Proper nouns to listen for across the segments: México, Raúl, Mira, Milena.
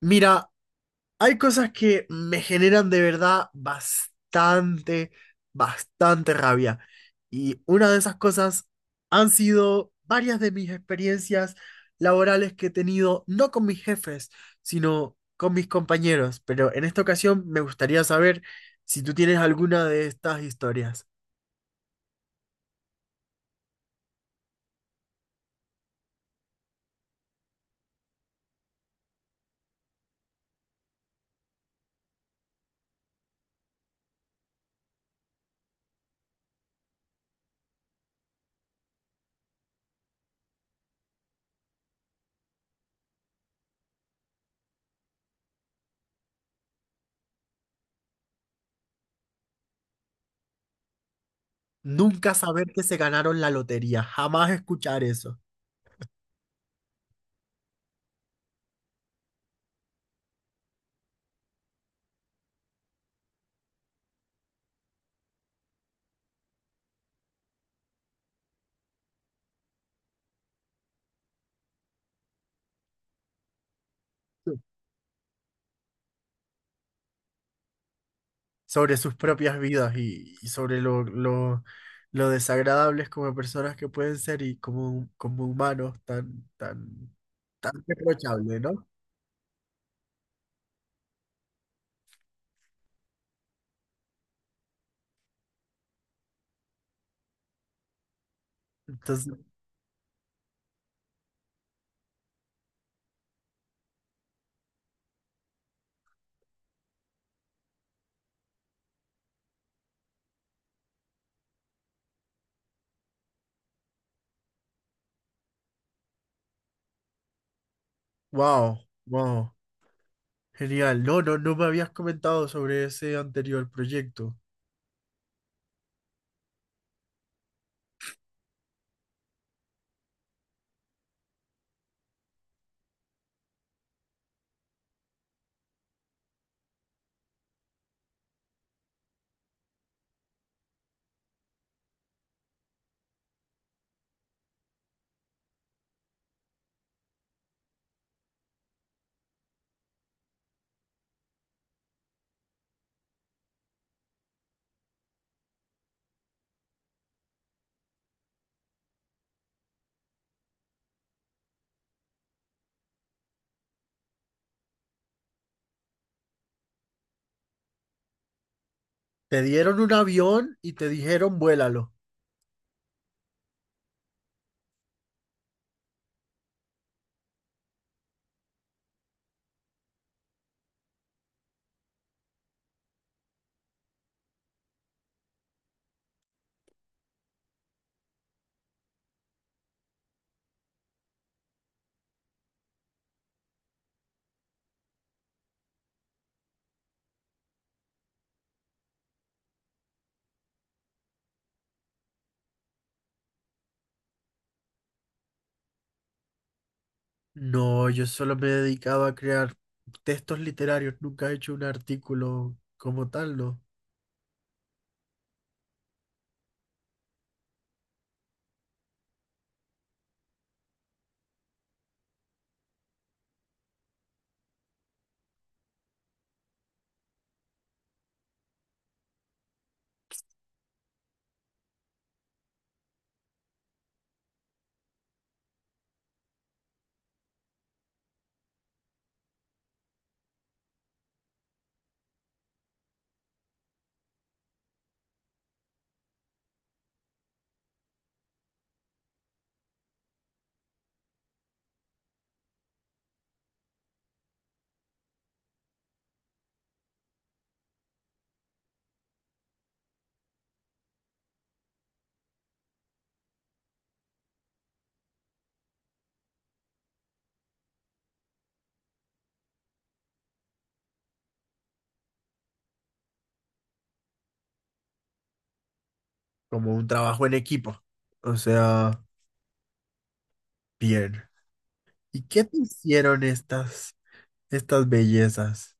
Mira, hay cosas que me generan de verdad bastante rabia. Y una de esas cosas han sido varias de mis experiencias laborales que he tenido, no con mis jefes, sino con mis compañeros. Pero en esta ocasión me gustaría saber si tú tienes alguna de estas historias. Nunca saber que se ganaron la lotería, jamás escuchar eso. Sobre sus propias vidas y sobre lo desagradables como personas que pueden ser y como, como humanos tan, tan, tan reprochable, ¿no? Entonces, wow, wow, genial. No, me habías comentado sobre ese anterior proyecto. Te dieron un avión y te dijeron, vuélalo. No, yo solo me he dedicado a crear textos literarios, nunca he hecho un artículo como tal, ¿no? Como un trabajo en equipo. O sea, bien. ¿Y qué te hicieron estas, estas bellezas?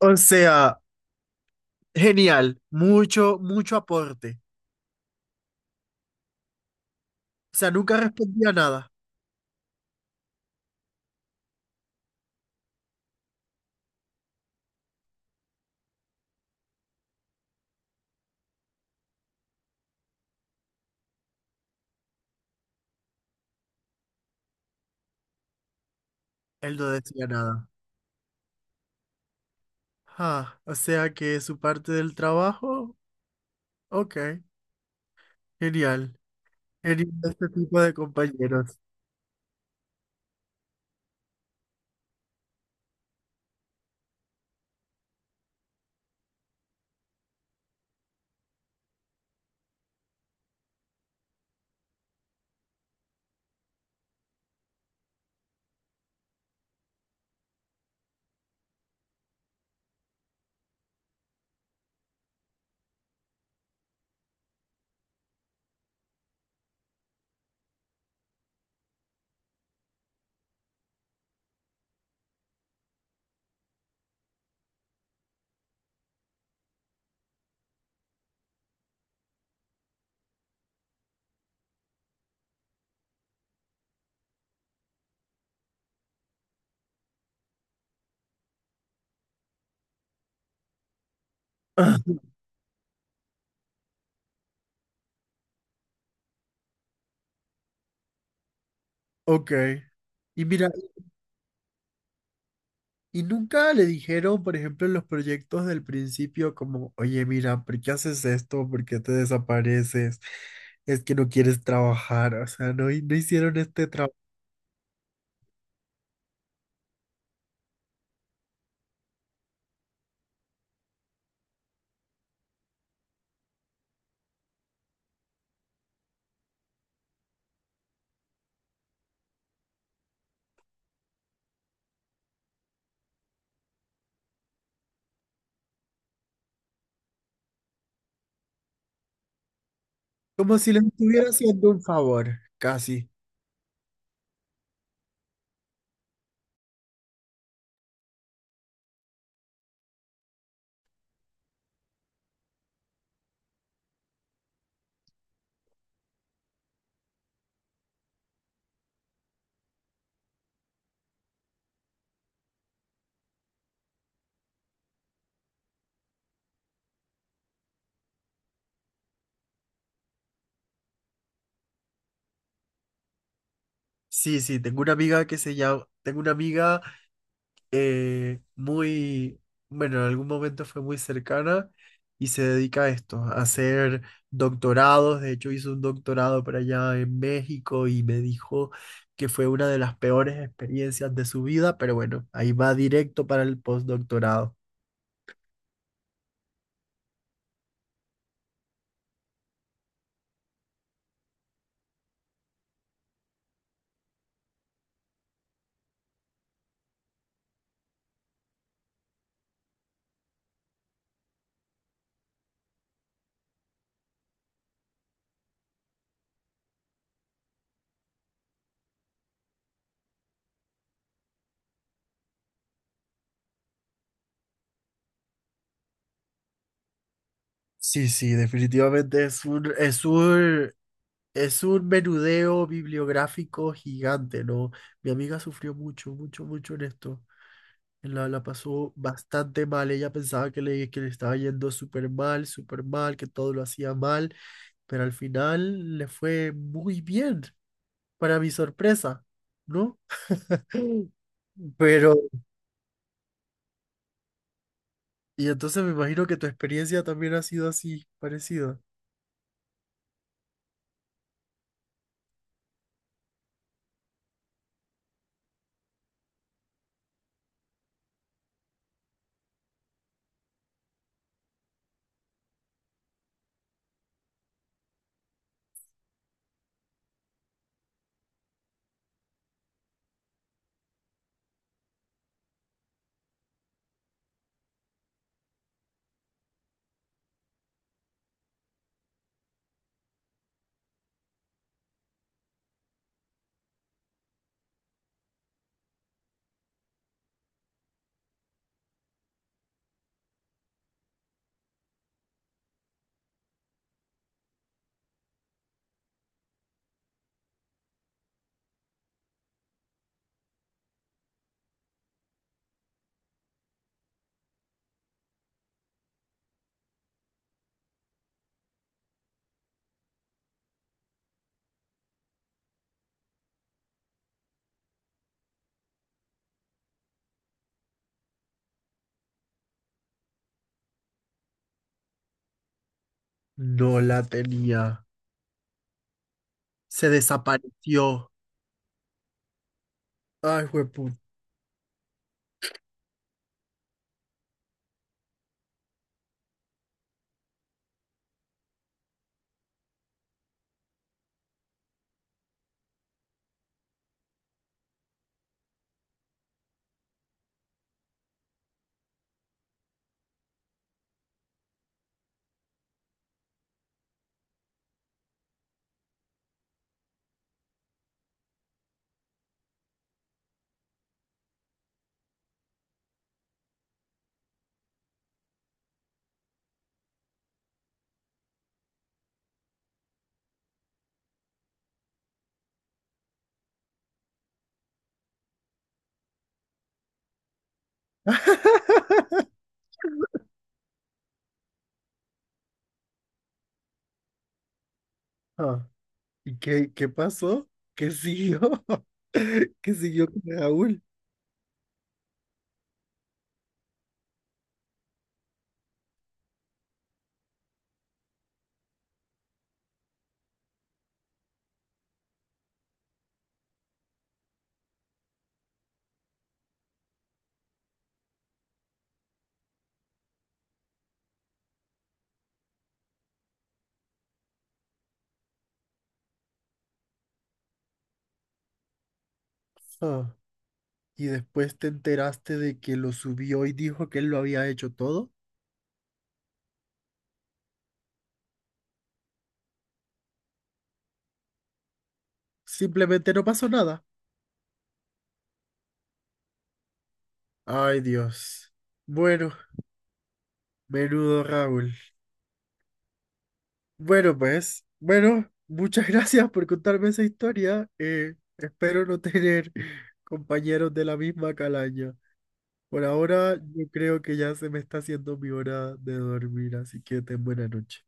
O sea, genial, mucho, mucho aporte. O sea, nunca respondía nada. Él no decía nada. Ah, o sea que su parte del trabajo, ok, genial. Genial este tipo de compañeros. Ok. Y mira, y nunca le dijeron, por ejemplo, en los proyectos del principio, como, oye, mira, ¿por qué haces esto? ¿Por qué te desapareces? Es que no quieres trabajar. O sea, no, no hicieron este trabajo. Como si les estuviera haciendo un favor, casi. Sí, sí, tengo una amiga que se llama, tengo una amiga muy, bueno, en algún momento fue muy cercana y se dedica a esto, a hacer doctorados. De hecho, hizo un doctorado por allá en México y me dijo que fue una de las peores experiencias de su vida, pero bueno, ahí va directo para el postdoctorado. Sí, sí, definitivamente es un menudeo bibliográfico gigante, ¿no? Mi amiga sufrió mucho, mucho, mucho en esto. La pasó bastante mal. Ella pensaba que le estaba yendo súper mal, que todo lo hacía mal, pero al final le fue muy bien, para mi sorpresa, ¿no? Pero, y entonces me imagino que tu experiencia también ha sido así, parecida. No la tenía. Se desapareció. Ay, juepu. Ah, ¿y qué pasó? ¿Qué siguió? ¿Qué siguió con Raúl? Ah, y después te enteraste de que lo subió y dijo que él lo había hecho todo, simplemente no pasó nada. Ay, Dios. Bueno, menudo Raúl. Bueno, pues, bueno, muchas gracias por contarme esa historia. Espero no tener compañeros de la misma calaña. Por ahora, yo creo que ya se me está haciendo mi hora de dormir, así que ten buena noche.